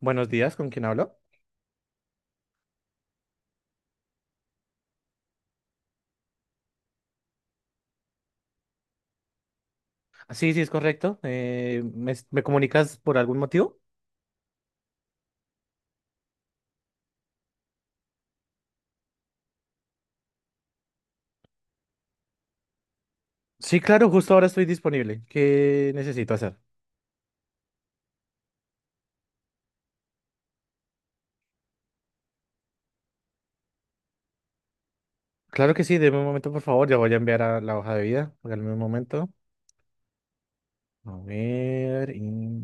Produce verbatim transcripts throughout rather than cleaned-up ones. Buenos días, ¿con quién hablo? Ah, sí, sí, es correcto. Eh, ¿me, me comunicas por algún motivo? Sí, claro, justo ahora estoy disponible. ¿Qué necesito hacer? Claro que sí, deme un momento, por favor. Ya voy a enviar a la hoja de vida. Regálame un momento. A ver. y-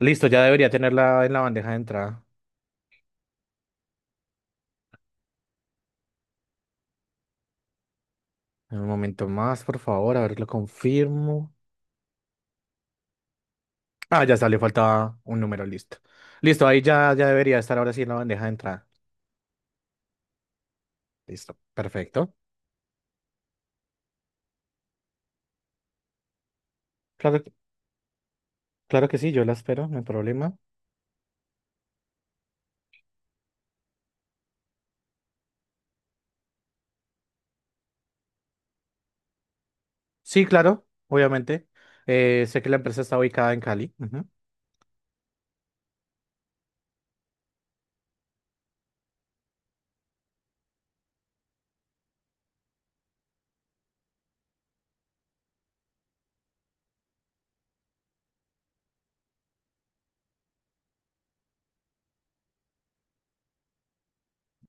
Listo, ya debería tenerla en la bandeja de entrada. Un momento más, por favor, a ver, lo confirmo. Ah, ya salió, faltaba un número, listo. Listo, ahí ya, ya debería estar ahora sí en la bandeja de entrada. Listo, perfecto. Claro, que- claro que sí, yo la espero, no hay problema. Sí, claro, obviamente. Eh, sé que la empresa está ubicada en Cali. Ujú.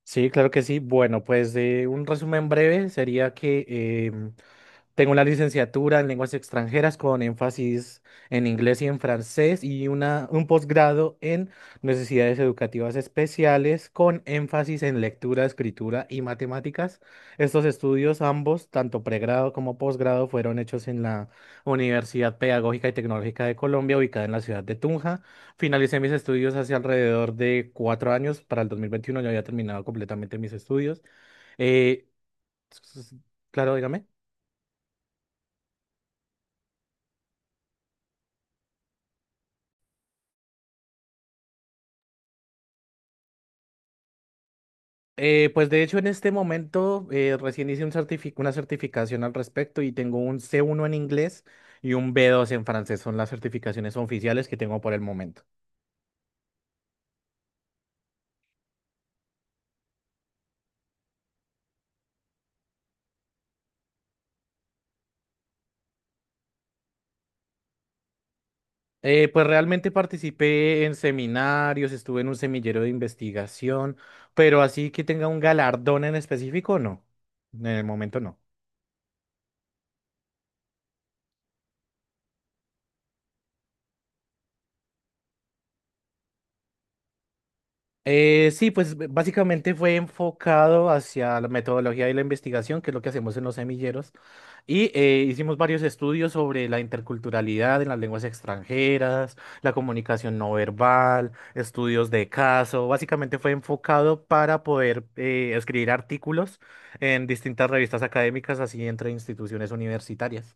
Sí, claro que sí. Bueno, pues de un resumen breve sería que em, tengo la licenciatura en lenguas extranjeras con énfasis en inglés y en francés y una, un posgrado en necesidades educativas especiales con énfasis en lectura, escritura y matemáticas. Estos estudios, ambos, tanto pregrado como posgrado, fueron hechos en la Universidad Pedagógica y Tecnológica de Colombia, ubicada en la ciudad de Tunja. Finalicé mis estudios hace alrededor de cuatro años. Para el dos mil veintiuno ya había terminado completamente mis estudios. Eh, s- s- claro, dígame. Eh, pues de hecho en este momento eh, recién hice un certifi- una certificación al respecto y tengo un C uno en inglés y un B dos en francés. Son las certificaciones oficiales que tengo por el momento. Eh, pues realmente participé en seminarios, estuve en un semillero de investigación, pero así que tenga un galardón en específico, no. En el momento no. Eh, sí, pues b- básicamente fue enfocado hacia la metodología y la investigación, que es lo que hacemos en los semilleros, y eh, hicimos varios estudios sobre la interculturalidad en las lenguas extranjeras, la comunicación no verbal, estudios de caso, básicamente fue enfocado para poder eh, escribir artículos en distintas revistas académicas, así entre instituciones universitarias.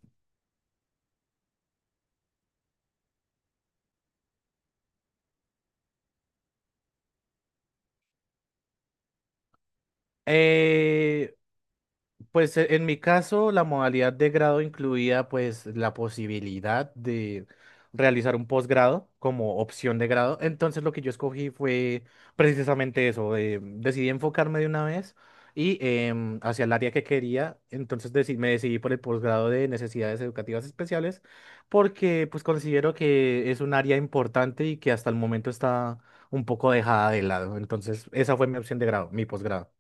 Eh, Pues e- en mi caso, la modalidad de grado incluía pues la posibilidad de realizar un posgrado como opción de grado. Entonces lo que yo escogí fue precisamente eso. Eh, decidí enfocarme de una vez y em, hacia el área que quería. Entonces deci- me decidí por el posgrado de necesidades educativas especiales porque pues considero que es un área importante y que hasta el momento está un poco dejada de lado. Entonces esa fue mi opción de grado, mi posgrado.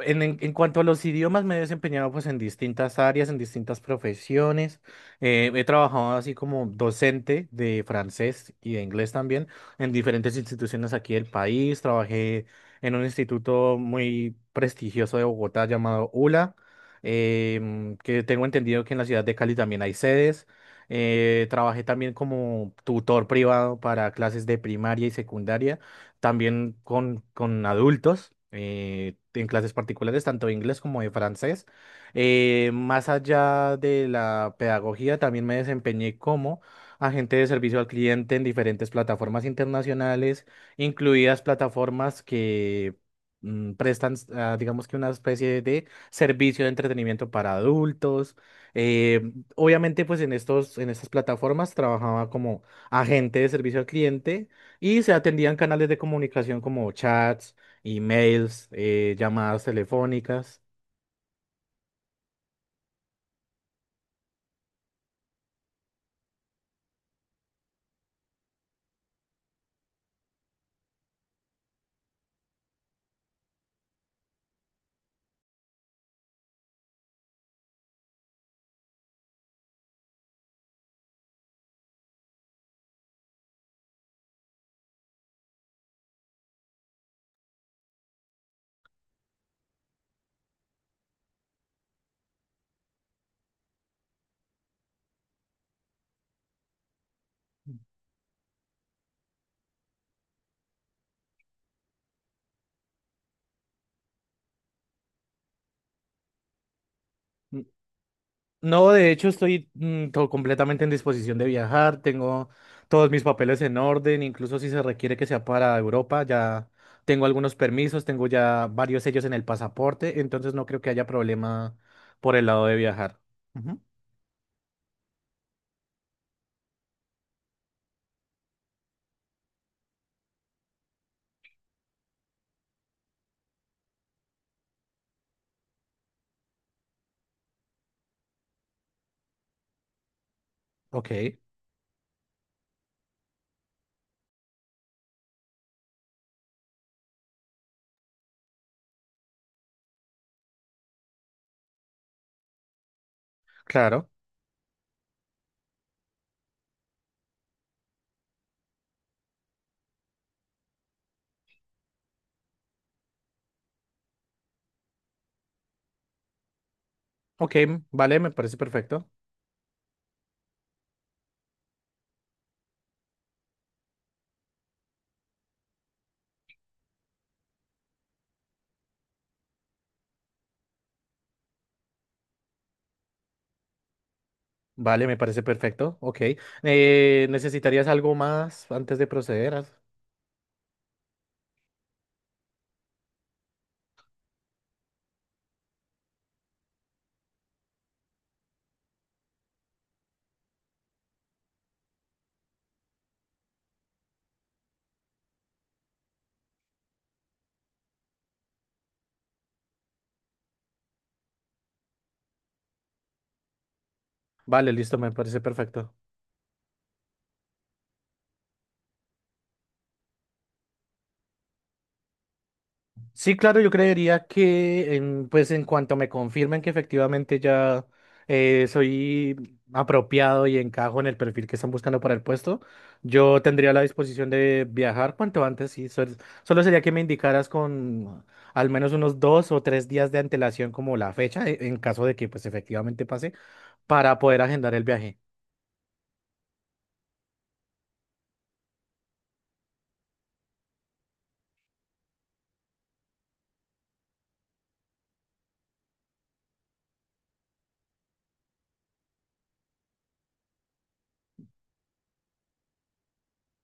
En, en- en cuanto a los idiomas, me he desempeñado pues en distintas áreas, en distintas profesiones. Eh, he trabajado así como docente de francés y de inglés también en diferentes instituciones aquí del país. Trabajé en un instituto muy prestigioso de Bogotá llamado ULA, em, que tengo entendido que en la ciudad de Cali también hay sedes. Eh, trabajé también como tutor privado para clases de primaria y secundaria también con, con adultos eh, en clases particulares, tanto de inglés como de francés. Eh, más allá de la pedagogía, también me desempeñé como agente de servicio al cliente en diferentes plataformas internacionales, incluidas plataformas que mm, prestan, ah, digamos que una especie de servicio de entretenimiento para adultos. Eh, obviamente, pues en estos, en estas plataformas trabajaba como agente de servicio al cliente y se atendían canales de comunicación como chats, emails, eh, llamadas telefónicas. N- No, de hecho, estoy mm, to- completamente en disposición de viajar. Tengo todos mis papeles en orden, incluso si se requiere que sea para Europa. Ya tengo algunos permisos, tengo ya varios sellos en el pasaporte, entonces no creo que haya problema por el lado de viajar. Ujú. Ok, claro. Ok, vale, me parece perfecto. Vale, me parece perfecto. Ok. Eh, ¿necesitarías algo más antes de proceder? Vale, listo, me parece perfecto. Sí, claro, yo creería que en, pues en cuanto me confirmen que efectivamente ya eh, soy apropiado y encajo en el perfil que están buscando para el puesto, yo tendría la disposición de viajar cuanto antes. Sí, sol- solo sería que me indicaras con al menos unos dos o tres días de antelación como la fecha, e- en caso de que pues efectivamente pase, para poder agendar el viaje.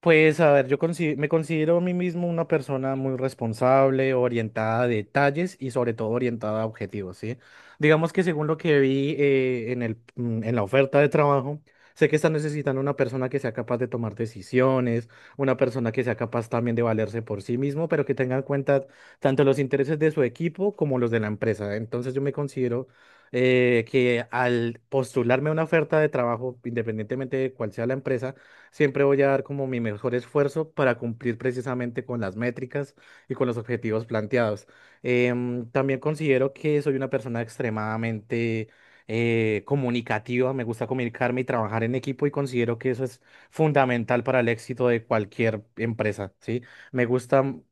Pues a ver, yo consi- me considero a mí mismo una persona muy responsable, orientada a detalles y sobre todo orientada a objetivos, ¿sí? Digamos que según lo que vi eh, en el, mm, en la oferta de trabajo, sé que están necesitando una persona que sea capaz de tomar decisiones, una persona que sea capaz también de valerse por sí mismo, pero que tenga en cuenta tanto los intereses de su equipo como los de la empresa. Entonces yo me considero eh, que al postularme a una oferta de trabajo, independientemente de cuál sea la empresa, siempre voy a dar como mi mejor esfuerzo para cumplir precisamente con las métricas y con los objetivos planteados. Em, también considero que soy una persona extremadamente eh, comunicativa, me gusta comunicarme y trabajar en equipo y considero que eso es fundamental para el éxito de cualquier empresa, ¿sí? Me gusta, mm,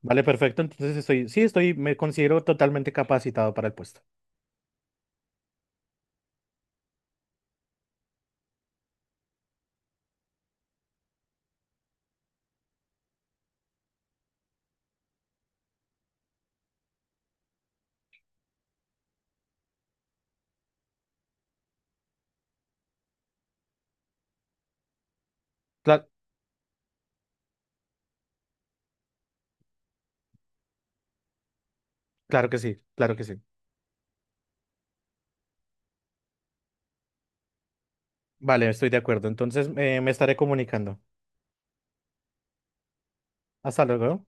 vale, perfecto, entonces estoy, sí, estoy, me considero totalmente capacitado para el puesto. Cla- claro que sí, claro que sí. Vale, estoy de acuerdo, entonces eh, me estaré comunicando. Hasta luego.